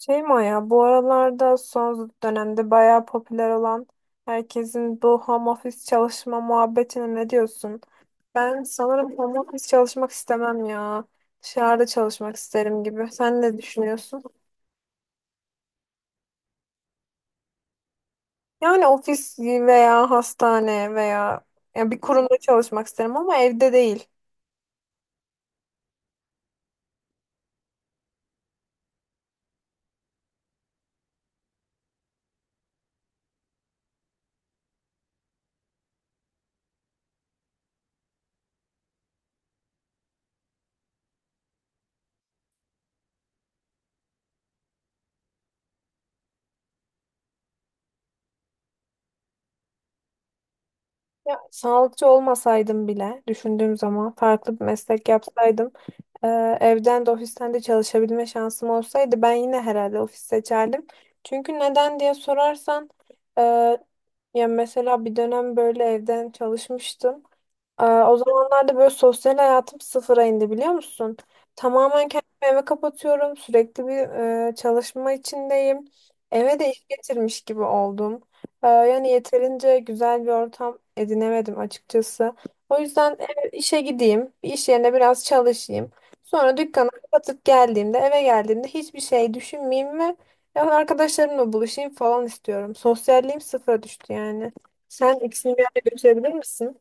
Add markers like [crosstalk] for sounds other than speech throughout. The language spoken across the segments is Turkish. Şey Maya, bu aralarda son dönemde bayağı popüler olan herkesin bu home office çalışma muhabbetine ne diyorsun? Ben sanırım home office çalışmak istemem ya. Dışarıda çalışmak isterim gibi. Sen ne düşünüyorsun? Yani ofis veya hastane veya ya bir kurumda çalışmak isterim ama evde değil. Ya, sağlıkçı olmasaydım bile düşündüğüm zaman farklı bir meslek yapsaydım e, evden de ofisten de çalışabilme şansım olsaydı ben yine herhalde ofis seçerdim. Çünkü neden diye sorarsan e, ya mesela bir dönem böyle evden çalışmıştım. O zamanlarda böyle sosyal hayatım sıfıra indi biliyor musun? Tamamen kendimi eve kapatıyorum. Sürekli bir çalışma içindeyim. Eve de iş getirmiş gibi oldum. Yani yeterince güzel bir ortam edinemedim açıkçası. O yüzden işe gideyim. Bir iş yerine biraz çalışayım. Sonra dükkanı kapatıp geldiğimde eve geldiğimde hiçbir şey düşünmeyeyim ve yani arkadaşlarımla buluşayım falan istiyorum. Sosyalliğim sıfıra düştü yani. Sen ikisini bir araya götürebilir misin?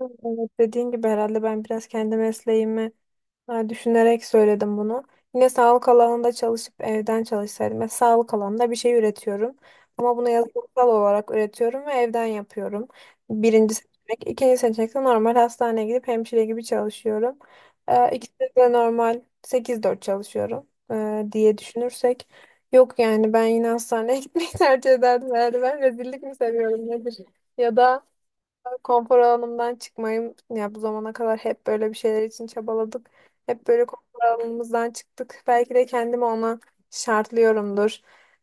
Evet, dediğin gibi herhalde ben biraz kendi mesleğimi, ha, düşünerek söyledim bunu. Yine sağlık alanında çalışıp evden çalışsaydım. Mesela sağlık alanında bir şey üretiyorum. Ama bunu yazılımsal olarak üretiyorum ve evden yapıyorum. Birinci seçenek. İkinci seçenek de normal hastaneye gidip hemşire gibi çalışıyorum. İkisi de normal sekiz dört çalışıyorum diye düşünürsek. Yok yani ben yine hastaneye [laughs] gitmeyi tercih ederdim herhalde. Ben rezillik mi seviyorum nedir? Ya da konfor alanımdan çıkmayım. Ya bu zamana kadar hep böyle bir şeyler için çabaladık. Hep böyle konfor alanımızdan çıktık. Belki de kendimi ona şartlıyorumdur.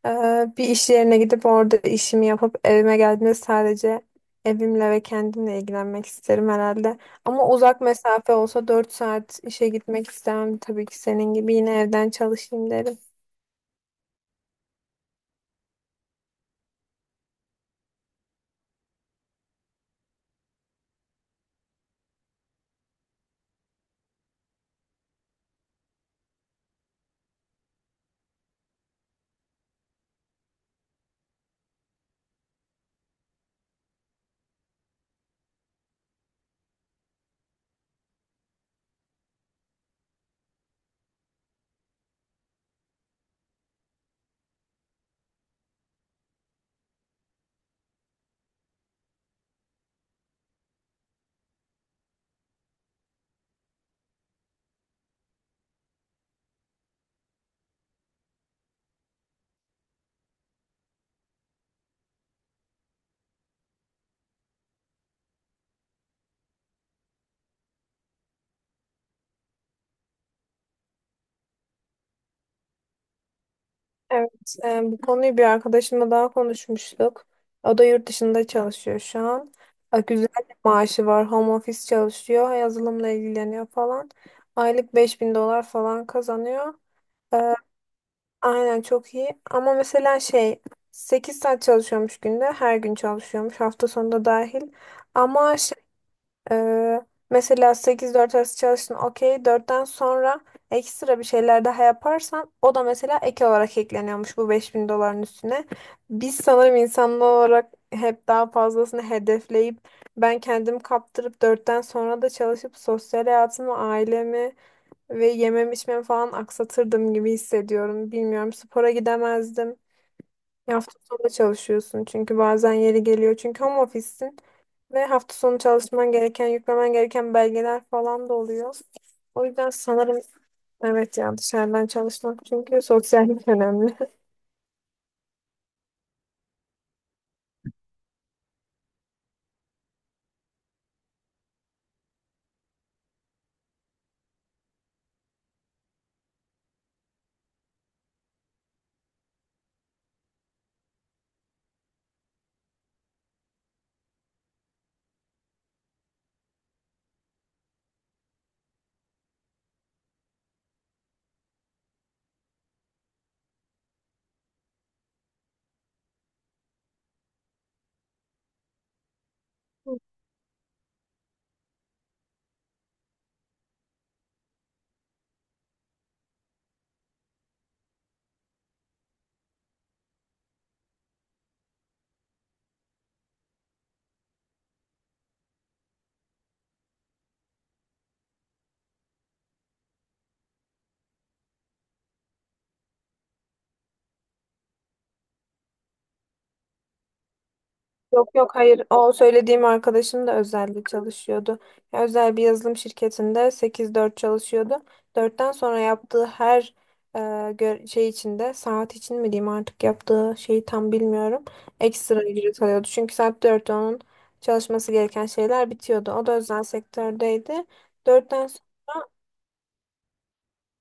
Ee, bir iş yerine gidip orada işimi yapıp evime geldiğimde sadece evimle ve kendimle ilgilenmek isterim herhalde. Ama uzak mesafe olsa 4 saat işe gitmek istemem. Tabii ki senin gibi yine evden çalışayım derim. Evet, bu konuyu bir arkadaşımla daha konuşmuştuk. O da yurt dışında çalışıyor şu an. E, güzel bir maaşı var, home office çalışıyor, yazılımla ilgileniyor falan. Aylık 5000 dolar falan kazanıyor. E, aynen çok iyi. Ama mesela şey, 8 saat çalışıyormuş günde, her gün çalışıyormuş, hafta sonunda dahil. Ama ee, mesela 8-4 arası çalıştın okey. 4'ten sonra ekstra bir şeyler daha yaparsan o da mesela ek olarak ekleniyormuş bu 5.000 doların üstüne. Biz sanırım insanlar olarak hep daha fazlasını hedefleyip ben kendim kaptırıp dörtten sonra da çalışıp sosyal hayatımı, ailemi ve yemem içmem falan aksatırdım gibi hissediyorum. Bilmiyorum spora gidemezdim. Ya, hafta sonu çalışıyorsun çünkü bazen yeri geliyor. Çünkü home office'sin ve hafta sonu çalışman gereken, yüklemen gereken belgeler falan da oluyor. O yüzden sanırım evet ya dışarıdan çalışmak çünkü sosyallik önemli. [laughs] Yok yok hayır, o söylediğim arkadaşım da özelde çalışıyordu. Ya, özel bir yazılım şirketinde sekiz dört çalışıyordu. Dörtten sonra yaptığı her şey içinde saat için mi diyeyim artık yaptığı şeyi tam bilmiyorum. Ekstra ücret alıyordu. Çünkü saat dörtte onun çalışması gereken şeyler bitiyordu. O da özel sektördeydi. Dörtten sonra,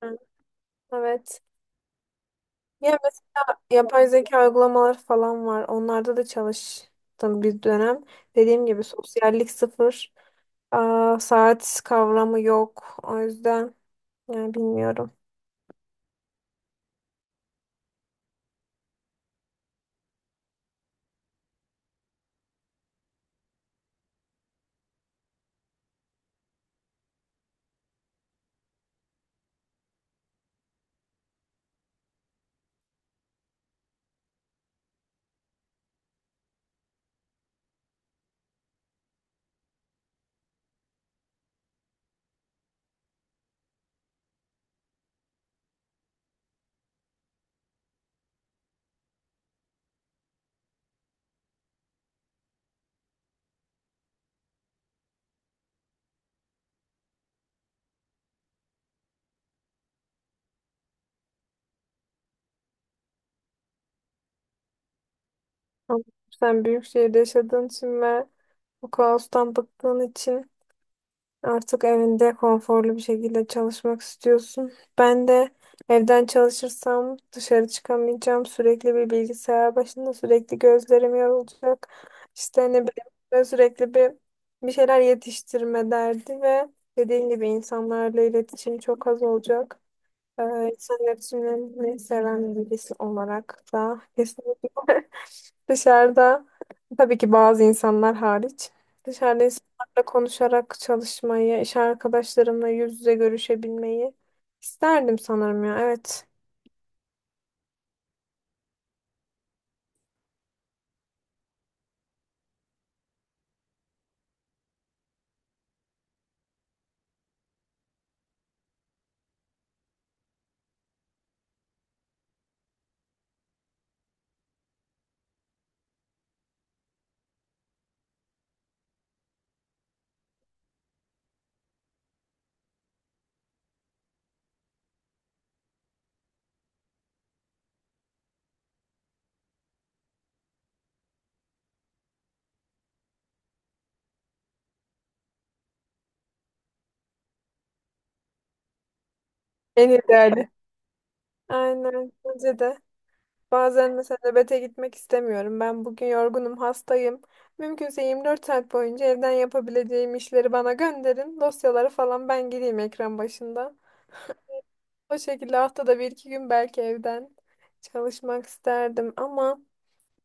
hı, evet. Ya mesela yapay zeka uygulamaları falan var. Onlarda da çalıştım bir dönem. Dediğim gibi sosyallik sıfır. Saat kavramı yok. O yüzden yani bilmiyorum. Ama sen büyük şehirde yaşadığın için ve bu kaostan bıktığın için artık evinde konforlu bir şekilde çalışmak istiyorsun. Ben de evden çalışırsam dışarı çıkamayacağım. Sürekli bir bilgisayar başında sürekli gözlerim yorulacak. İşte ne bileyim böyle sürekli bir şeyler yetiştirme derdi ve dediğim gibi insanlarla iletişim çok az olacak. Ee, insan iletişimini seven birisi olarak da kesinlikle [laughs] dışarıda tabii ki bazı insanlar hariç dışarıda insanlarla konuşarak çalışmayı, iş arkadaşlarımla yüz yüze görüşebilmeyi isterdim sanırım ya. Evet. En ideali. Aynen. Bence de. Bazen mesela nöbete gitmek istemiyorum. Ben bugün yorgunum, hastayım. Mümkünse 24 saat boyunca evden yapabileceğim işleri bana gönderin. Dosyaları falan ben gideyim ekran başında. O şekilde haftada bir iki gün belki evden çalışmak isterdim ama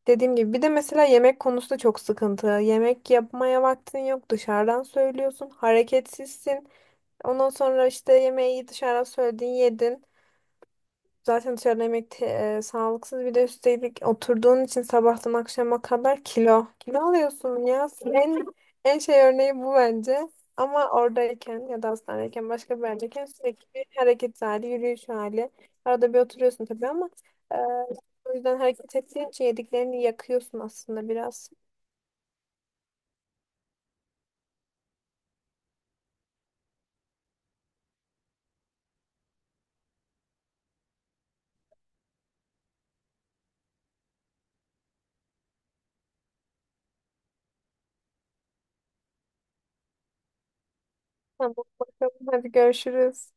dediğim gibi bir de mesela yemek konusu da çok sıkıntı. Yemek yapmaya vaktin yok dışarıdan söylüyorsun hareketsizsin. Ondan sonra işte yemeği dışarıdan söyledin yedin. Zaten dışarıda yemek sağlıksız bir de üstelik oturduğun için sabahtan akşama kadar kilo. Kilo alıyorsun ya. En şey örneği bu bence. Ama oradayken ya da hastanedeyken başka bir yerdeyken sürekli bir hareket hali, yürüyüş hali. Arada bir oturuyorsun tabii ama e, o yüzden hareket ettiğin için yediklerini yakıyorsun aslında biraz. Tamam, bakalım, hadi görüşürüz.